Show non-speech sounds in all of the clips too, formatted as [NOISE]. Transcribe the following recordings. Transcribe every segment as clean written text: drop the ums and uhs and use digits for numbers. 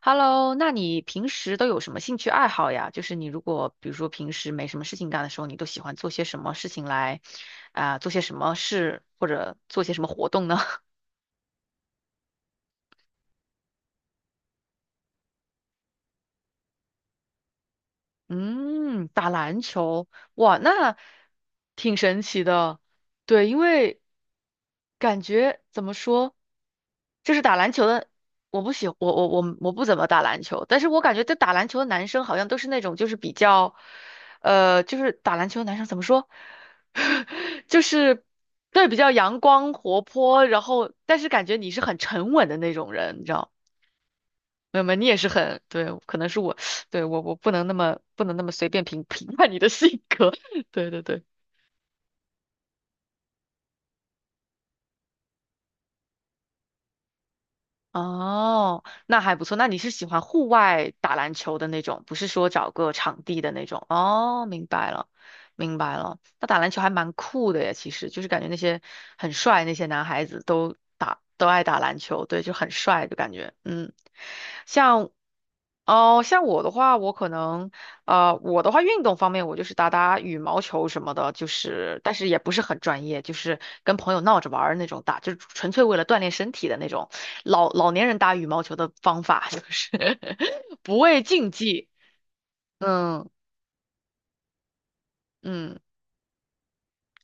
Hello，那你平时都有什么兴趣爱好呀？就是你如果比如说平时没什么事情干的时候，你都喜欢做些什么事情来，做些什么事或者做些什么活动呢？嗯，打篮球，哇，那挺神奇的。对，因为感觉怎么说，就是打篮球的，我不喜，我不怎么打篮球，但是我感觉这打篮球的男生好像都是那种就是比较，就是打篮球的男生怎么说，[LAUGHS] 就是对比较阳光活泼，然后但是感觉你是很沉稳的那种人，你知道吗？没有没有你也是很，对，可能是我，对，我我不能那么随便评 [LAUGHS] 评判你的性格，[LAUGHS] 对对对，哦，那还不错，那你是喜欢户外打篮球的那种，不是说找个场地的那种，哦，明白了，明白了，那打篮球还蛮酷的呀，其实就是感觉那些很帅那些男孩子都爱打篮球，对，就很帅的感觉，嗯，像。哦，像我的话，我可能，我的话，运动方面我就是打打羽毛球什么的，就是但是也不是很专业，就是跟朋友闹着玩儿那种打，就是纯粹为了锻炼身体的那种。老老年人打羽毛球的方法就是 [LAUGHS] 不畏竞技，嗯嗯。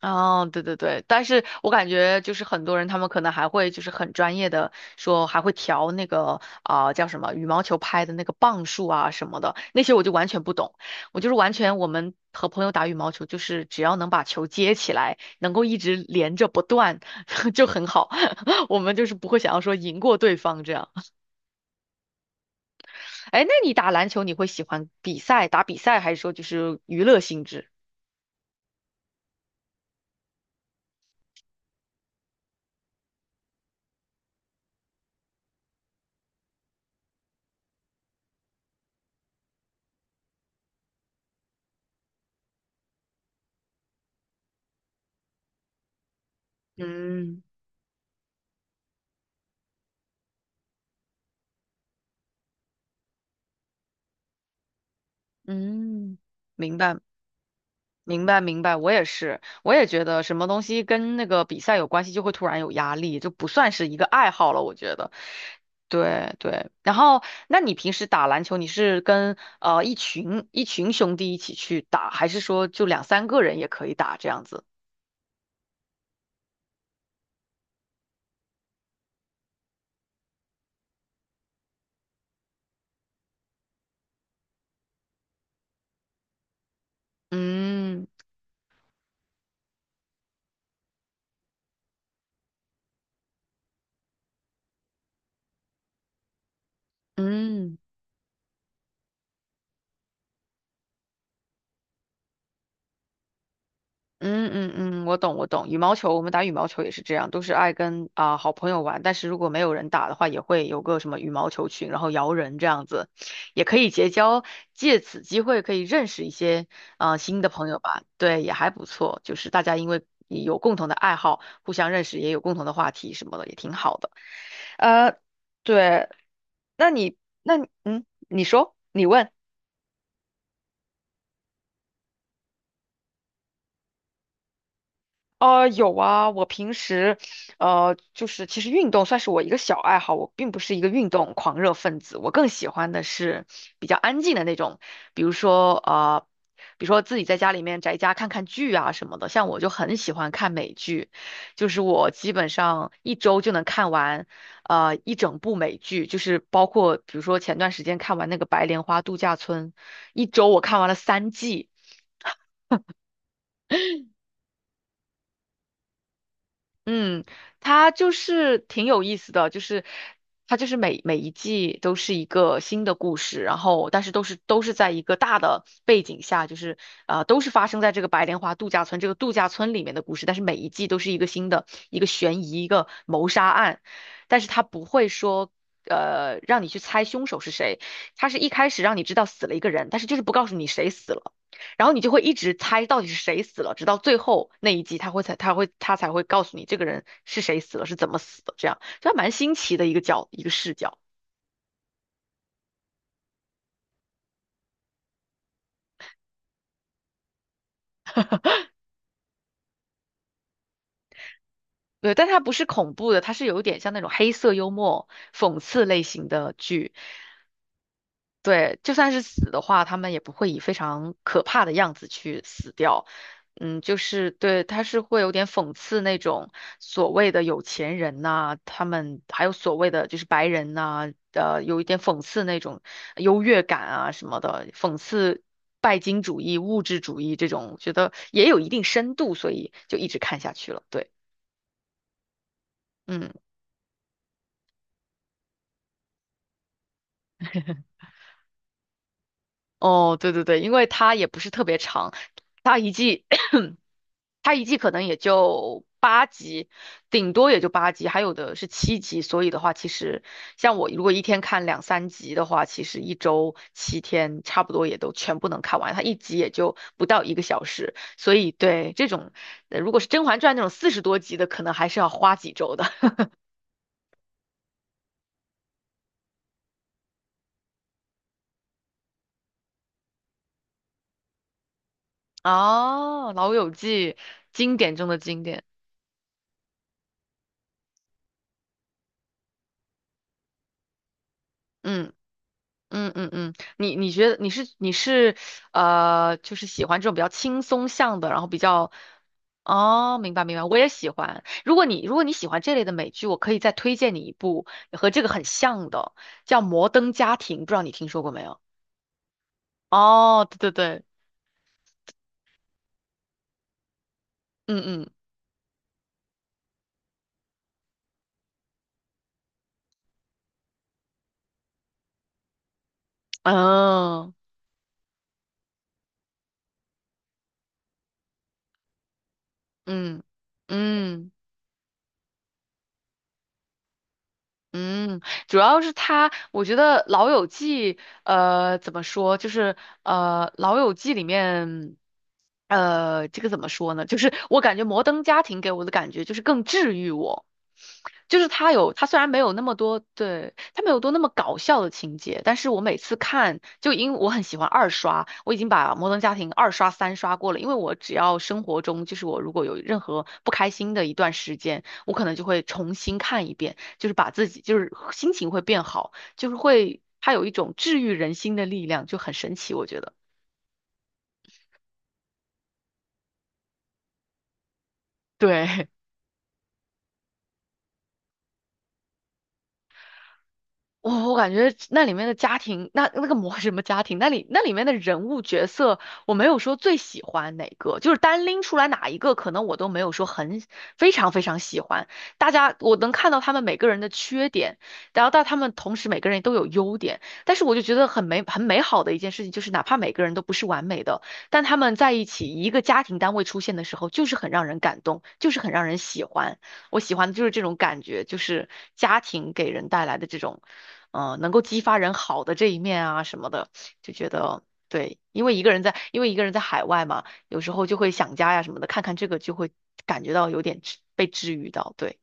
哦，对对对，但是我感觉就是很多人他们可能还会就是很专业的说还会调那个叫什么羽毛球拍的那个磅数啊什么的，那些我就完全不懂，我就是完全我们和朋友打羽毛球就是只要能把球接起来，能够一直连着不断 [LAUGHS] 就很好，[LAUGHS] 我们就是不会想要说赢过对方这样。哎，那你打篮球你会喜欢比赛打比赛，还是说就是娱乐性质？嗯，嗯，明白。明白明白，我也是，我也觉得什么东西跟那个比赛有关系，就会突然有压力，就不算是一个爱好了，我觉得。对对，然后那你平时打篮球，你是跟一群兄弟一起去打，还是说就两三个人也可以打这样子？嗯嗯。嗯嗯嗯，我懂我懂，羽毛球我们打羽毛球也是这样，都是爱跟好朋友玩，但是如果没有人打的话，也会有个什么羽毛球群，然后摇人这样子，也可以结交，借此机会可以认识一些新的朋友吧，对，也还不错，就是大家因为有共同的爱好，互相认识，也有共同的话题什么的，也挺好的。呃，对，那你那你嗯，你说，你问。呃，有啊，我平时，就是其实运动算是我一个小爱好，我并不是一个运动狂热分子，我更喜欢的是比较安静的那种，比如说比如说自己在家里面宅家看看剧啊什么的，像我就很喜欢看美剧，就是我基本上一周就能看完，一整部美剧，就是包括比如说前段时间看完那个《白莲花度假村》，一周我看完了三季。嗯，它就是挺有意思的，就是它就是每每一季都是一个新的故事，然后但是都是在一个大的背景下，就是都是发生在这个白莲花度假村这个度假村里面的故事，但是每一季都是一个新的一个悬疑一个谋杀案，但是它不会说让你去猜凶手是谁，它是一开始让你知道死了一个人，但是就是不告诉你谁死了。然后你就会一直猜到底是谁死了，直到最后那一集他会才他会他才会告诉你这个人是谁死了，是怎么死的，这样，这还蛮新奇的一个视角。对，但它不是恐怖的，它是有一点像那种黑色幽默、讽刺类型的剧。对，就算是死的话，他们也不会以非常可怕的样子去死掉。嗯，就是对，他是会有点讽刺那种所谓的有钱人呐、他们还有所谓的就是白人呐、有一点讽刺那种优越感啊什么的，讽刺拜金主义、物质主义这种，觉得也有一定深度，所以就一直看下去了。对，嗯，哦，对对对，因为它也不是特别长，它一季。[COUGHS] 它一季可能也就八集，顶多也就八集，还有的是七集。所以的话，其实像我如果一天看两三集的话，其实一周七天差不多也都全部能看完。它一集也就不到一个小时，所以对这种，如果是《甄嬛传》那种四十多集的，可能还是要花几周的。[LAUGHS] 哦，《老友记》经典中的经典，嗯。嗯嗯嗯，你觉得你是就是喜欢这种比较轻松向的，然后比较哦，明白明白，我也喜欢。如果你喜欢这类的美剧，我可以再推荐你一部和这个很像的，叫《摩登家庭》，不知道你听说过没有？哦，对对对，嗯嗯，嗯嗯嗯。嗯，主要是他，我觉得《老友记》怎么说，就是《老友记》里面，这个怎么说呢？就是我感觉《摩登家庭》给我的感觉就是更治愈我，就是他虽然没有那么多，对，他没有多那么搞笑的情节，但是我每次看，就因为我很喜欢二刷，我已经把《摩登家庭》二刷三刷过了，因为我只要生活中就是我如果有任何不开心的一段时间，我可能就会重新看一遍。就是把自己就是心情会变好，就是会它有一种治愈人心的力量，就很神奇，我觉得。对，我感觉那里面的家庭，那个模什么家庭，那里面的人物角色，我没有说最喜欢哪个，就是单拎出来哪一个，可能我都没有说很非常非常喜欢。大家我能看到他们每个人的缺点，然后到他们同时每个人都有优点，但是我就觉得很美很美好的一件事情，就是哪怕每个人都不是完美的，但他们在一起一个家庭单位出现的时候，就是很让人感动，就是很让人喜欢。我喜欢的就是这种感觉，就是家庭给人带来的这种，能够激发人好的这一面啊什么的，就觉得对，因为一个人在海外嘛，有时候就会想家呀什么的，看看这个就会感觉到有点被治愈到，对，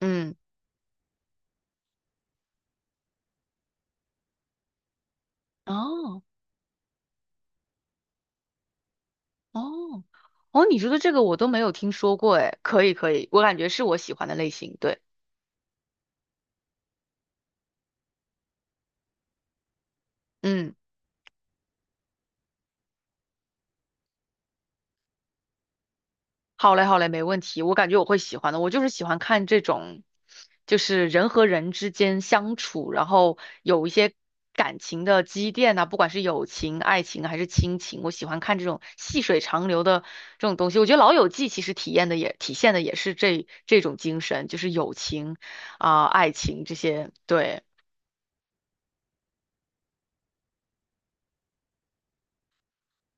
嗯，哦哦哦，你说的这个我都没有听说过，哎，可以可以，我感觉是我喜欢的类型，对，嗯。好嘞，好嘞，没问题。我感觉我会喜欢的。我就是喜欢看这种，就是人和人之间相处，然后有一些感情的积淀呐、不管是友情、爱情还是亲情，我喜欢看这种细水长流的这种东西。我觉得《老友记》其实体现的也是这种精神，就是友情爱情这些。对，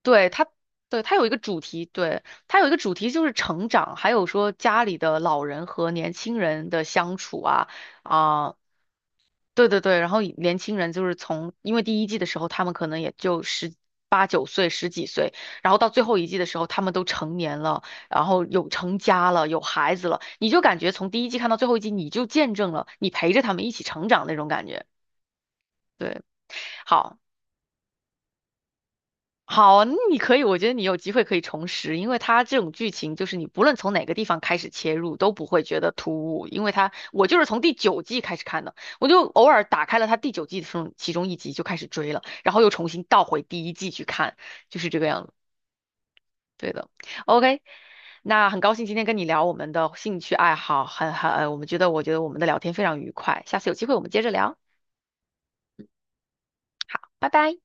对，它，对，它有一个主题，对。它有一个主题就是成长，还有说家里的老人和年轻人的相处啊，啊、对对对，然后以年轻人就是从，因为第一季的时候他们可能也就十八九岁、十几岁，然后到最后一季的时候他们都成年了，然后有成家了，有孩子了，你就感觉从第一季看到最后一季，你就见证了你陪着他们一起成长那种感觉。对，好。好，那你可以，我觉得你有机会可以重拾，因为它这种剧情就是你不论从哪个地方开始切入都不会觉得突兀，因为它我就是从第九季开始看的，我就偶尔打开了它第九季的时候其中一集就开始追了，然后又重新倒回第一季去看，就是这个样子。对的，OK，那很高兴今天跟你聊我们的兴趣爱好，很很，我们觉得我们的聊天非常愉快，下次有机会我们接着聊，拜拜。